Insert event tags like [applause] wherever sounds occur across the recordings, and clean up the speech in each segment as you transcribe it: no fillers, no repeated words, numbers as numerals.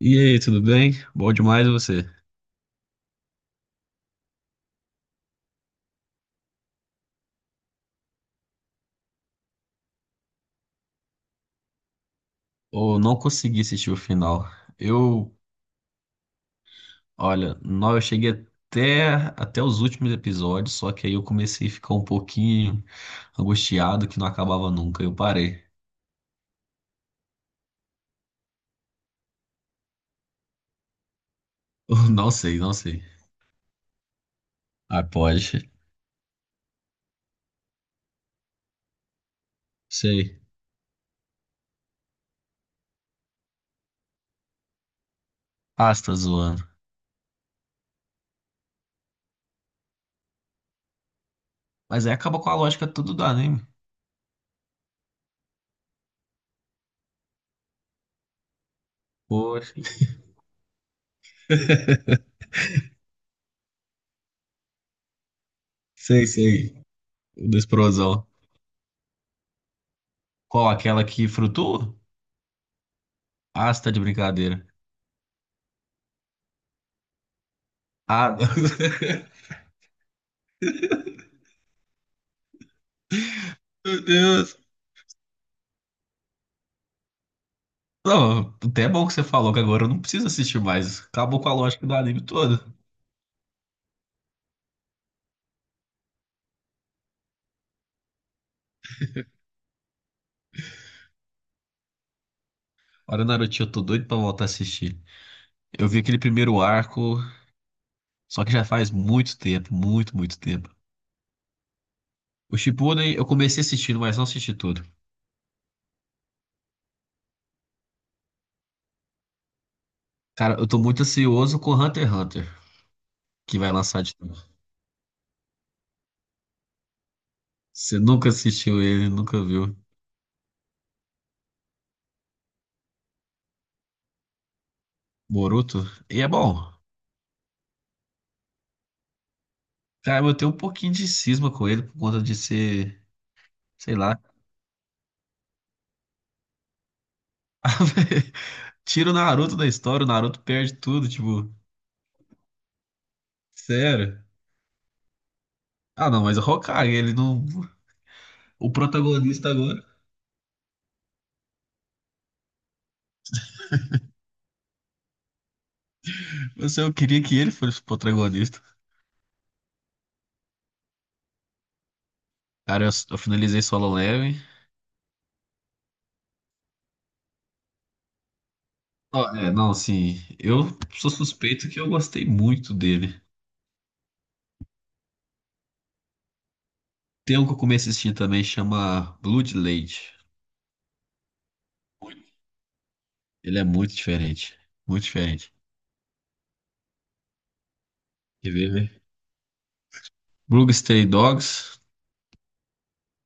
E aí, tudo bem? Bom demais você? Ou não consegui assistir o final. Eu, olha, não, eu cheguei até, até os últimos episódios, só que aí eu comecei a ficar um pouquinho angustiado que não acabava nunca. Eu parei. [laughs] Eu Não sei, não sei. Ah, pode. Sei. Ah, você tá zoando. Mas aí acaba com a lógica tudo do anime. Poxa. [laughs] Sei, sei. O da explosão. Qual? Aquela que frutua? Ah, você tá de brincadeira. Ah, [laughs] Meu Deus. Não, até é bom que você falou que agora eu não preciso assistir mais. Acabou com a lógica do anime todo. Olha, Naruto, eu tô doido pra voltar a assistir. Eu vi aquele primeiro arco, só que já faz muito tempo, muito, muito tempo. O Shippuden eu comecei assistindo, mas não assisti tudo. Cara, eu tô muito ansioso com Hunter x Hunter, que vai lançar de novo. Você nunca assistiu ele, nunca viu. Boruto, e é bom. Cara, eu tenho um pouquinho de cisma com ele por conta de ser, sei lá. [laughs] Tira o Naruto da história, o Naruto perde tudo, tipo, sério. Ah, não, mas o Hokage, ele não. O protagonista agora. Mas eu queria que ele fosse o protagonista. Cara, eu finalizei Solo Leveling. Ó, é, não, assim, eu sou suspeito que eu gostei muito dele. Tem um que eu comecei a assistir também, chama Bloodlade. Ele é muito diferente. Muito diferente. Quer ver? Blue Stray Dogs.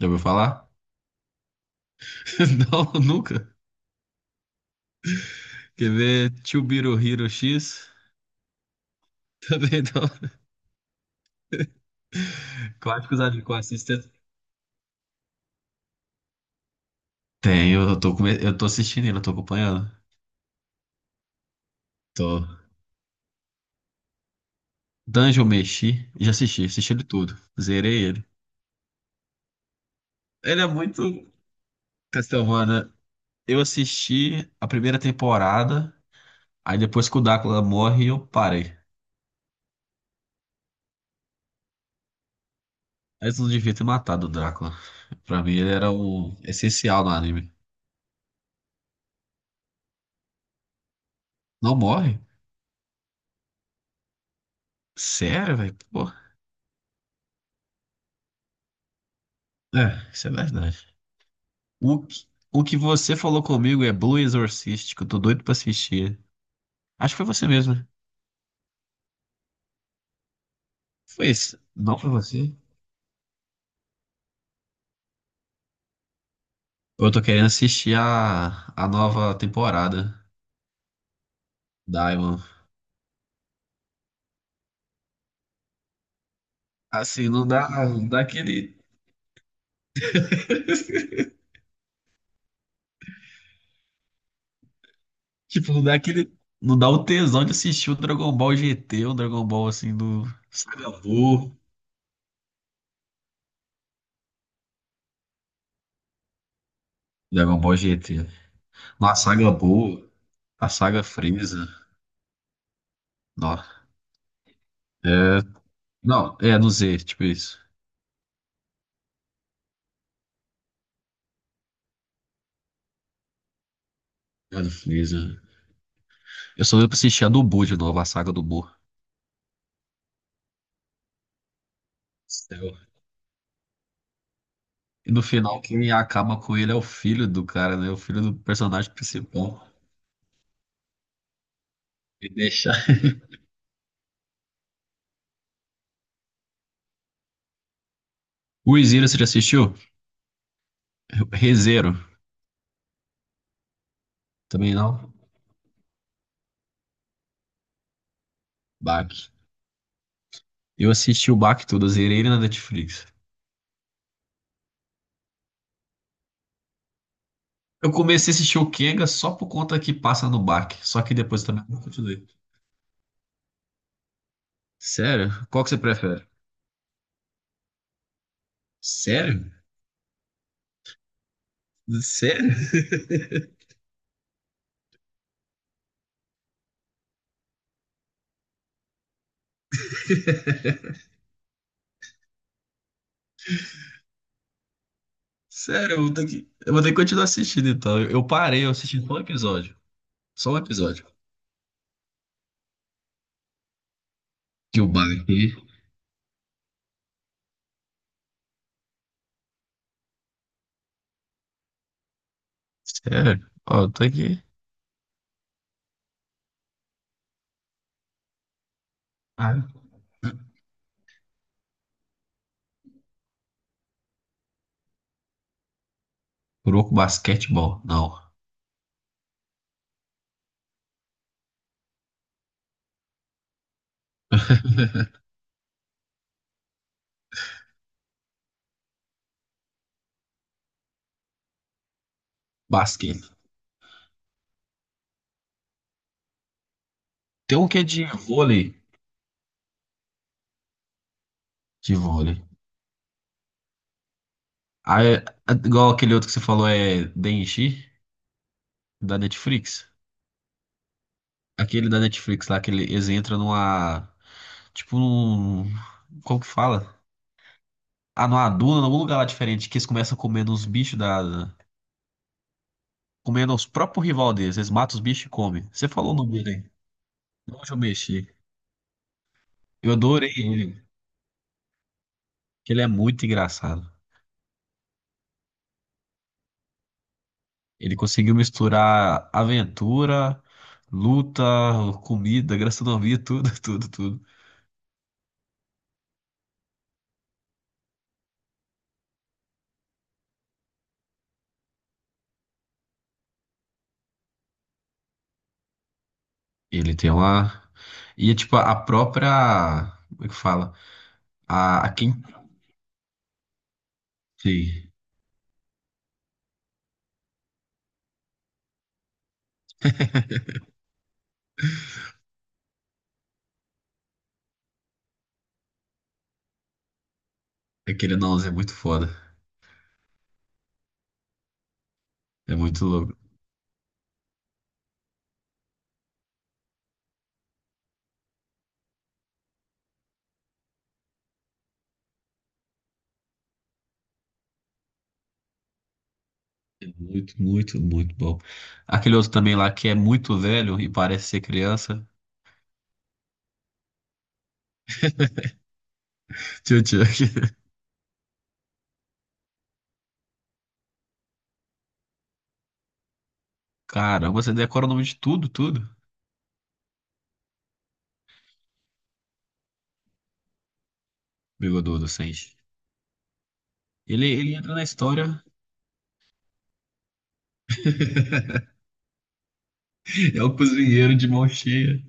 Já ouviu falar? [laughs] Não, nunca. Quer ver? Chubiro Hero X. [laughs] Também não. Quase que os amigos assistem. Tem, eu tô assistindo ele, eu tô acompanhando. Tô. Dungeon Meshi, já assisti, assisti ele tudo. Zerei ele. Ele é muito Castlevania. Eu assisti a primeira temporada, aí depois que o Drácula morre, eu parei. Eles não devia ter matado o Drácula. Pra mim, ele era o essencial no anime. Não morre? Sério, velho? Pô. É, isso é verdade. O que você falou comigo é Blue Exorcist, que eu tô doido pra assistir. Acho que foi você mesmo, né? Foi isso. Não foi você? Eu tô querendo assistir a nova temporada da Diamond. Assim, não dá aquele. Tipo, não dá aquele. Não dá o tesão de assistir o Dragon Ball GT, o Dragon Ball assim do. Saga Buu. Dragon Ball GT. Na saga Buu, a saga Freeza. Não, é, não, é no Z, tipo isso. É do Freeza. Eu só deu pra assistir a do Buu de novo, a saga do Buu. Céu. E no final, quem acaba com ele é o filho do cara, né? O filho do personagem principal. E deixa. O Zero, você já assistiu? Rezero. Também não? Bach. Eu assisti o Bach todo, eu zerei ele na Netflix. Eu comecei a assistir o Kenga só por conta que passa no Bach. Só que depois também não continuei. Sério? Qual que você prefere? Sério? Sério? Sério, eu vou ter que, eu vou ter que continuar assistindo então. Eu parei, eu assisti só um episódio. Só um episódio. Que o Bach. Sério? Ó, eu tô aqui. Ah. Kuroko Basquetebol. Não. [laughs] Basquete. Tem um que é de vôlei. De vôlei. Ah, é- a- igual aquele outro que você falou é Denji, da Netflix. Aquele da Netflix lá, que ele- eles entram numa. Tipo num. Como que fala? Ah, numa duna, num lugar lá diferente, que eles começam comendo os bichos Comendo os próprios rival deles. Eles matam os bichos e comem. Você falou o nome dele aí. Onde eu mexi. Eu adorei ele. Que Ele é muito engraçado. Ele conseguiu misturar aventura, luta, comida, gastronomia, tudo, [laughs] tudo, tudo. Ele tem uma. E é tipo a própria. Como é que fala? A quem. Sim. Aquele não é muito foda. É muito louco. É muito, muito, muito bom. Aquele outro também lá que é muito velho e parece ser criança. [laughs] Tio Chuck. Caramba, você decora o nome de tudo, tudo. Bigodudo, Sente. Ele entra na história. [laughs] É o cozinheiro de mão cheia.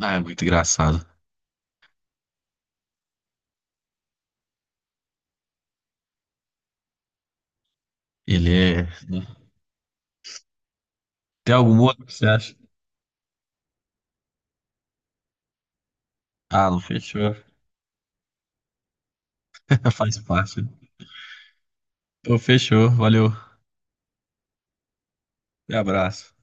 Ah, é muito engraçado. Ele é. Né? Tem algum outro que você acha? Ah, não fechou. [laughs] Faz parte. Pô, fechou. Valeu. Um abraço.